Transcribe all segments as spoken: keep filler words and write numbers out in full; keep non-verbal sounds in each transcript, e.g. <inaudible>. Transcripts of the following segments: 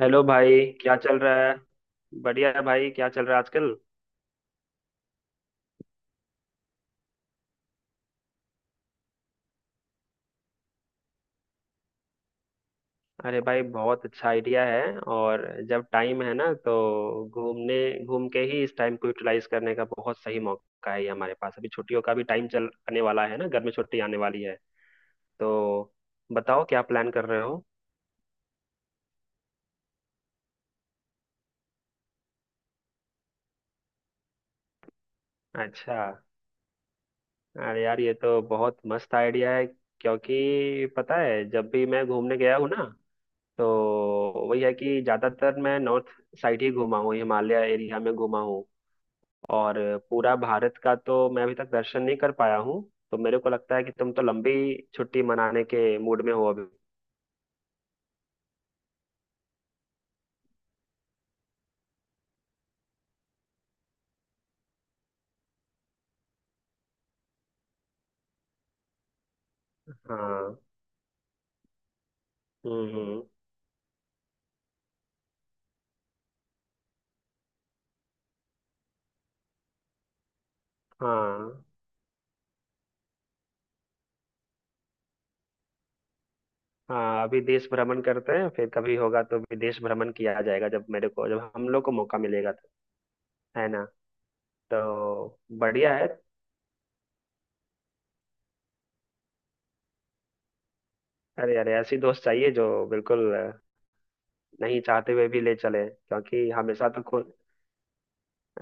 Hello भाई, क्या चल रहा है। बढ़िया है भाई, क्या चल रहा है आजकल। अरे भाई बहुत अच्छा आइडिया है। और जब टाइम है ना तो घूमने घूम के ही इस टाइम को यूटिलाइज करने का बहुत सही मौका है। ये हमारे पास अभी छुट्टियों का भी टाइम चल आने वाला है ना, घर में छुट्टी आने वाली है तो बताओ क्या प्लान कर रहे हो। अच्छा। अरे यार ये तो बहुत मस्त आइडिया है। क्योंकि पता है, जब भी मैं घूमने गया हूँ ना तो वही है कि ज्यादातर मैं नॉर्थ साइड ही घूमा हूँ, हिमालय एरिया में घूमा हूँ। और पूरा भारत का तो मैं अभी तक दर्शन नहीं कर पाया हूँ। तो मेरे को लगता है कि तुम तो लंबी छुट्टी मनाने के मूड में हो अभी। हाँ। हम्म हम्म, हाँ। हाँ, अभी देश भ्रमण करते हैं, फिर कभी होगा तो विदेश भ्रमण किया जाएगा जब मेरे को, जब हम लोग को मौका मिलेगा तो। है ना। तो बढ़िया है। अरे अरे ऐसी दोस्त चाहिए जो बिल्कुल अ, नहीं चाहते हुए भी ले चले, क्योंकि हमेशा तो खु-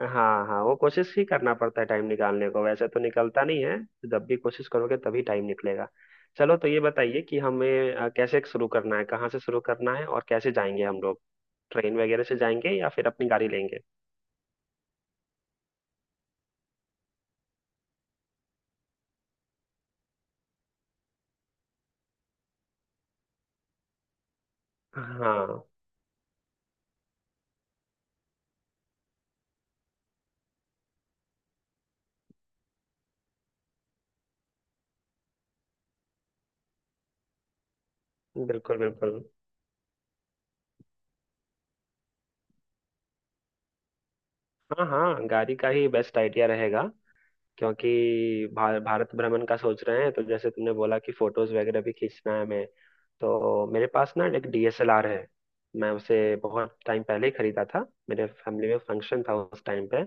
हाँ हाँ वो कोशिश ही करना पड़ता है, टाइम निकालने को वैसे तो निकलता नहीं है। जब भी कोशिश करोगे तभी टाइम निकलेगा। चलो तो ये बताइए कि हमें अ, कैसे शुरू करना है, कहाँ से शुरू करना है और कैसे जाएंगे हम लोग, ट्रेन वगैरह से जाएंगे या फिर अपनी गाड़ी लेंगे। हाँ, बिल्कुल बिल्कुल। हाँ हाँ गाड़ी का ही बेस्ट आइडिया रहेगा। क्योंकि भा, भारत भ्रमण का सोच रहे हैं तो जैसे तुमने बोला कि फोटोज वगैरह भी खींचना है हमें, तो मेरे पास ना एक डीएसएलआर है। मैं उसे बहुत टाइम पहले ही खरीदा था, मेरे फैमिली में फंक्शन था उस टाइम पे।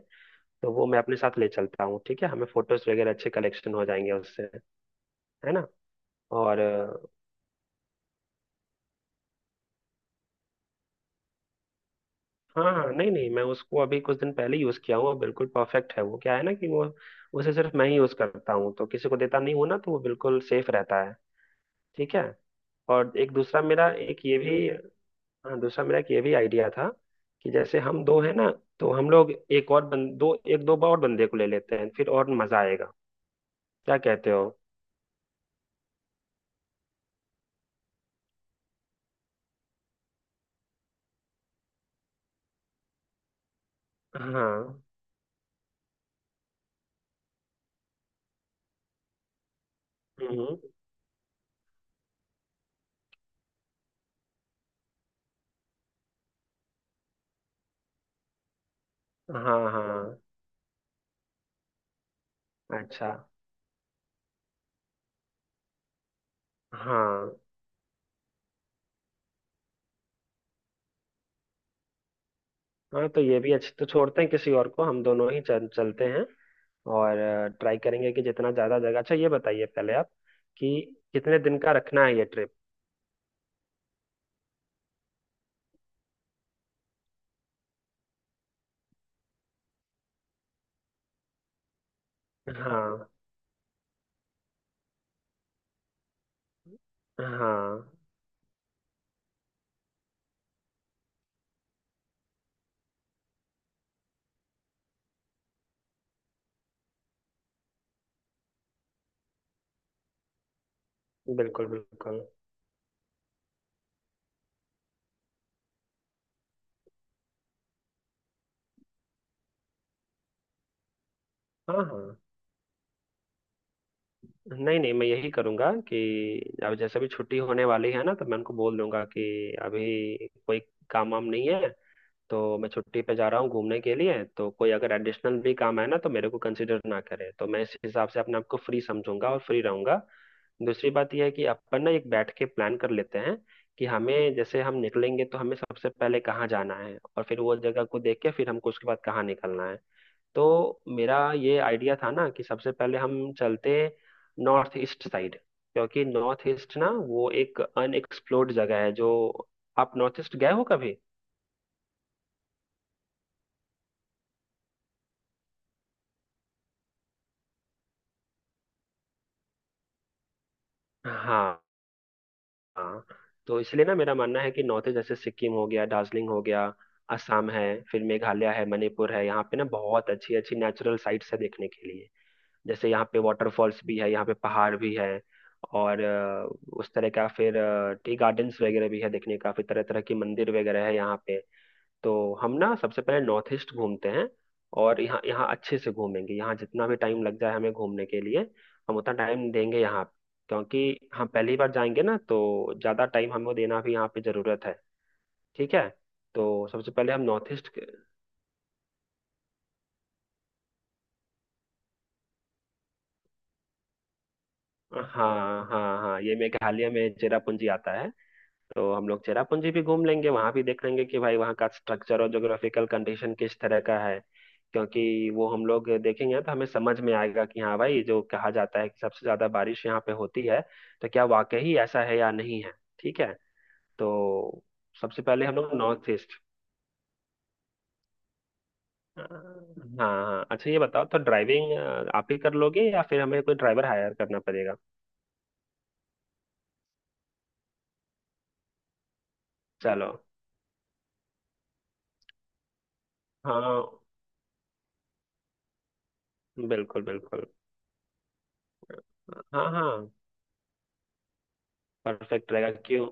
तो वो मैं अपने साथ ले चलता हूँ, ठीक है। हमें फोटोज वगैरह अच्छे कलेक्शन हो जाएंगे उससे, है ना। और अ, हाँ हाँ, नहीं नहीं मैं उसको अभी कुछ दिन पहले यूज़ किया हूँ और बिल्कुल परफेक्ट है वो। क्या है ना कि वो, उसे सिर्फ मैं ही यूज़ करता हूँ, तो किसी को देता नहीं हूँ ना, तो वो बिल्कुल सेफ रहता है। ठीक है। और एक दूसरा मेरा एक ये भी, हाँ दूसरा मेरा एक ये भी आइडिया था कि जैसे हम दो है ना, तो हम लोग एक और बन, दो, एक दो और बंदे को ले लेते हैं फिर, और मजा आएगा। क्या कहते हो। हाँ। हम्म। हाँ हाँ। अच्छा। हाँ हाँ तो ये भी अच्छी, तो छोड़ते हैं किसी और को, हम दोनों ही चल, चलते हैं। और ट्राई करेंगे कि जितना ज्यादा जगह, अच्छा ये बताइए पहले आप कि कितने दिन का रखना है ये ट्रिप। हाँ। हाँ, बिल्कुल बिल्कुल। हाँ हाँ, नहीं नहीं मैं यही करूंगा कि अब जैसे भी छुट्टी होने वाली है ना तो मैं उनको बोल दूंगा कि अभी कोई काम वाम नहीं है, तो मैं छुट्टी पे जा रहा हूँ घूमने के लिए, तो कोई अगर एडिशनल भी काम है ना तो मेरे को कंसिडर ना करे, तो मैं इस हिसाब से अपने आप को फ्री समझूंगा और फ्री रहूंगा। दूसरी बात यह है कि अपन ना एक बैठ के प्लान कर लेते हैं कि हमें, जैसे हम निकलेंगे तो हमें सबसे पहले कहाँ जाना है और फिर वो जगह को देख के फिर हमको उसके बाद कहाँ निकलना है। तो मेरा ये आइडिया था ना कि सबसे पहले हम चलते नॉर्थ ईस्ट साइड, क्योंकि नॉर्थ ईस्ट ना वो एक अनएक्सप्लोर्ड जगह है जो, आप नॉर्थ ईस्ट गए हो कभी। हाँ। हाँ, तो इसलिए ना मेरा मानना है कि नॉर्थ ईस्ट, जैसे सिक्किम हो गया, दार्जिलिंग हो गया, असम है, फिर मेघालय है, मणिपुर है, यहाँ पे ना बहुत अच्छी अच्छी नेचुरल साइट्स है देखने के लिए। जैसे यहाँ पे वाटरफॉल्स भी है, यहाँ पे पहाड़ भी है और अ, उस तरह का, फिर टी गार्डन्स वगैरह भी है देखने का, फिर तरह तरह की मंदिर वगैरह है यहाँ पे। तो हम ना सबसे पहले नॉर्थ ईस्ट घूमते हैं और यहाँ यहाँ अच्छे से घूमेंगे। यहाँ जितना भी टाइम लग जाए हमें घूमने के लिए, हम उतना टाइम देंगे यहाँ। क्योंकि हम पहली बार जाएंगे ना, तो ज़्यादा टाइम हमें देना भी यहाँ पे ज़रूरत है। ठीक है। तो सबसे पहले हम नॉर्थ ईस्ट, हाँ हाँ हाँ ये मेघालय में चेरापूंजी आता है। तो हम लोग चेरापूंजी भी घूम लेंगे, वहां भी देख लेंगे कि भाई वहाँ का स्ट्रक्चर और ज्योग्राफिकल कंडीशन किस तरह का है। क्योंकि वो हम लोग देखेंगे तो हमें समझ में आएगा कि हाँ भाई जो कहा जाता है कि सबसे ज्यादा बारिश यहाँ पे होती है, तो क्या वाकई ही ऐसा है या नहीं है। ठीक है। तो सबसे पहले हम लोग नॉर्थ ईस्ट, हाँ। हाँ अच्छा ये बताओ तो ड्राइविंग आप ही कर लोगे या फिर हमें कोई ड्राइवर हायर करना पड़ेगा। चलो। हाँ, बिल्कुल बिल्कुल। हाँ हाँ, परफेक्ट रहेगा। क्यों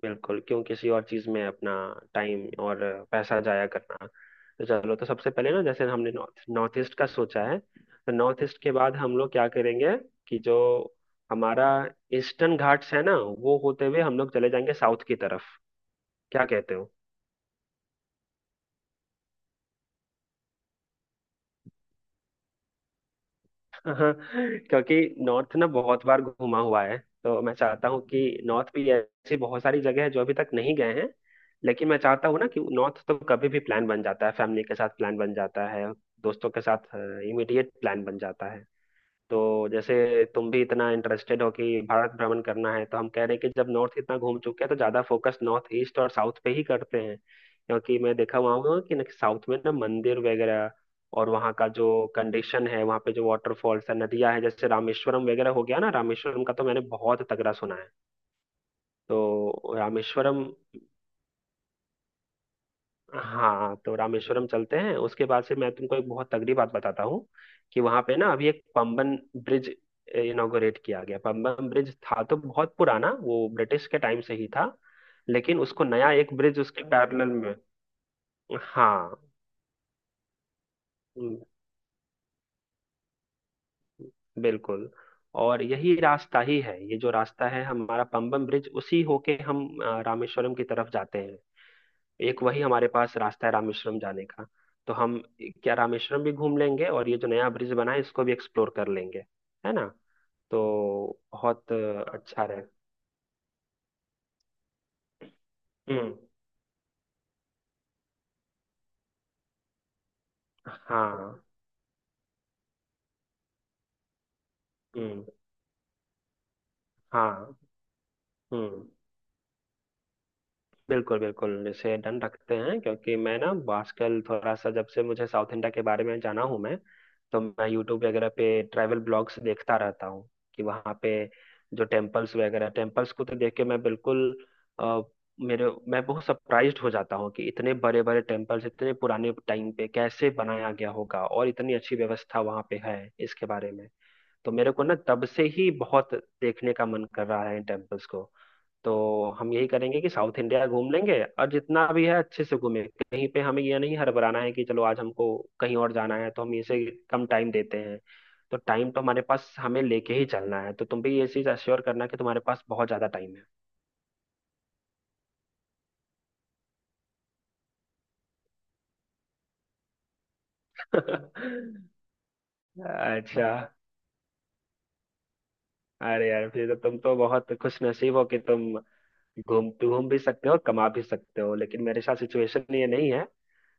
बिल्कुल, क्यों किसी और चीज में अपना टाइम और पैसा जाया करना। तो चलो, तो सबसे पहले ना जैसे हमने नॉर्थ नॉर्थ ईस्ट का सोचा है, तो नॉर्थ ईस्ट के बाद हम लोग क्या करेंगे कि जो हमारा ईस्टर्न घाट्स है ना, वो होते हुए हम लोग चले जाएंगे साउथ की तरफ। क्या कहते हो। हाँ, क्योंकि नॉर्थ ना बहुत बार घुमा हुआ है। तो मैं चाहता हूँ कि नॉर्थ भी ऐसी बहुत सारी जगह है जो अभी तक नहीं गए हैं, लेकिन मैं चाहता हूँ ना कि नॉर्थ तो कभी भी प्लान बन जाता है, फैमिली के साथ प्लान बन जाता है, दोस्तों के साथ इमीडिएट प्लान बन जाता है। तो जैसे तुम भी इतना इंटरेस्टेड हो कि भारत भ्रमण करना है, तो हम कह रहे हैं कि जब नॉर्थ इतना घूम चुके हैं, तो ज्यादा फोकस नॉर्थ ईस्ट और साउथ पे ही करते हैं। क्योंकि मैं देखा हुआ हूँ कि ना साउथ में ना मंदिर वगैरह, और वहाँ का जो कंडीशन है, वहाँ पे जो वाटरफॉल्स है, नदियाँ है, जैसे रामेश्वरम वगैरह हो गया ना, रामेश्वरम का तो मैंने बहुत तगड़ा सुना है। तो रामेश्वरम, हाँ तो रामेश्वरम चलते हैं। उसके बाद से मैं तुमको एक बहुत तगड़ी बात बताता हूँ कि वहां पे ना अभी एक पंबन ब्रिज इनॉग्रेट किया गया। पंबन ब्रिज था तो बहुत पुराना, वो ब्रिटिश के टाइम से ही था, लेकिन उसको नया एक ब्रिज उसके पैरेलल में, हाँ, हम्म, बिल्कुल। और यही रास्ता ही है, ये जो रास्ता है हमारा पंबन ब्रिज, उसी होके हम अ, रामेश्वरम की तरफ जाते हैं। एक वही हमारे पास रास्ता है रामेश्वरम जाने का। तो हम क्या, रामेश्वरम भी घूम लेंगे और ये जो नया ब्रिज बना है इसको भी एक्सप्लोर कर लेंगे, है ना। तो बहुत अच्छा रहे। हम्म। हाँ। हम्म। हाँ। हम्म। बिल्कुल बिल्कुल, इसे डन रखते हैं। क्योंकि मैं ना आजकल थोड़ा सा, जब से मुझे साउथ इंडिया के बारे में जाना हूँ मैं, तो मैं यूट्यूब वगैरह पे ट्रैवल ब्लॉग्स देखता रहता हूँ कि वहाँ पे जो टेम्पल्स वगैरह, टेम्पल्स को तो देख के मैं बिल्कुल अ, मेरे, मैं बहुत सरप्राइज्ड हो जाता हूँ कि इतने बड़े बड़े टेम्पल्स इतने पुराने टाइम पे कैसे बनाया गया होगा और इतनी अच्छी व्यवस्था वहाँ पे है इसके बारे में। तो मेरे को ना तब से ही बहुत देखने का मन कर रहा है इन टेम्पल्स को। तो हम यही करेंगे कि साउथ इंडिया घूम लेंगे और जितना भी है अच्छे से घूमें, कहीं पे हमें यह नहीं हड़बड़ाना है कि चलो आज हमको कहीं और जाना है तो हम इसे कम टाइम देते हैं। तो टाइम तो हमारे पास हमें लेके ही चलना है। तो तुम भी ये चीज अश्योर करना कि तुम्हारे पास बहुत ज्यादा टाइम है। <laughs> अच्छा। अरे यार, फिर तो तुम तो बहुत खुश नसीब हो कि तुम घूम घूम भी सकते हो, कमा भी सकते हो, लेकिन मेरे साथ सिचुएशन ये नहीं है।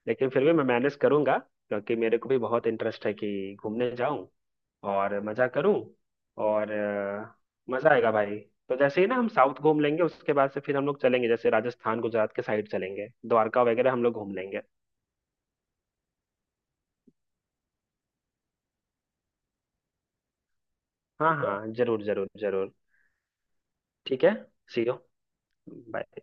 लेकिन फिर भी मैं मैनेज करूंगा, क्योंकि मेरे को भी बहुत इंटरेस्ट है कि घूमने जाऊं और मजा करूं। और अ, मजा आएगा भाई। तो जैसे ही ना हम साउथ घूम लेंगे, उसके बाद से फिर हम लोग चलेंगे, जैसे राजस्थान, गुजरात के साइड चलेंगे, द्वारका वगैरह हम लोग घूम लेंगे। हाँ हाँ, जरूर जरूर जरूर। ठीक है। See you. बाय।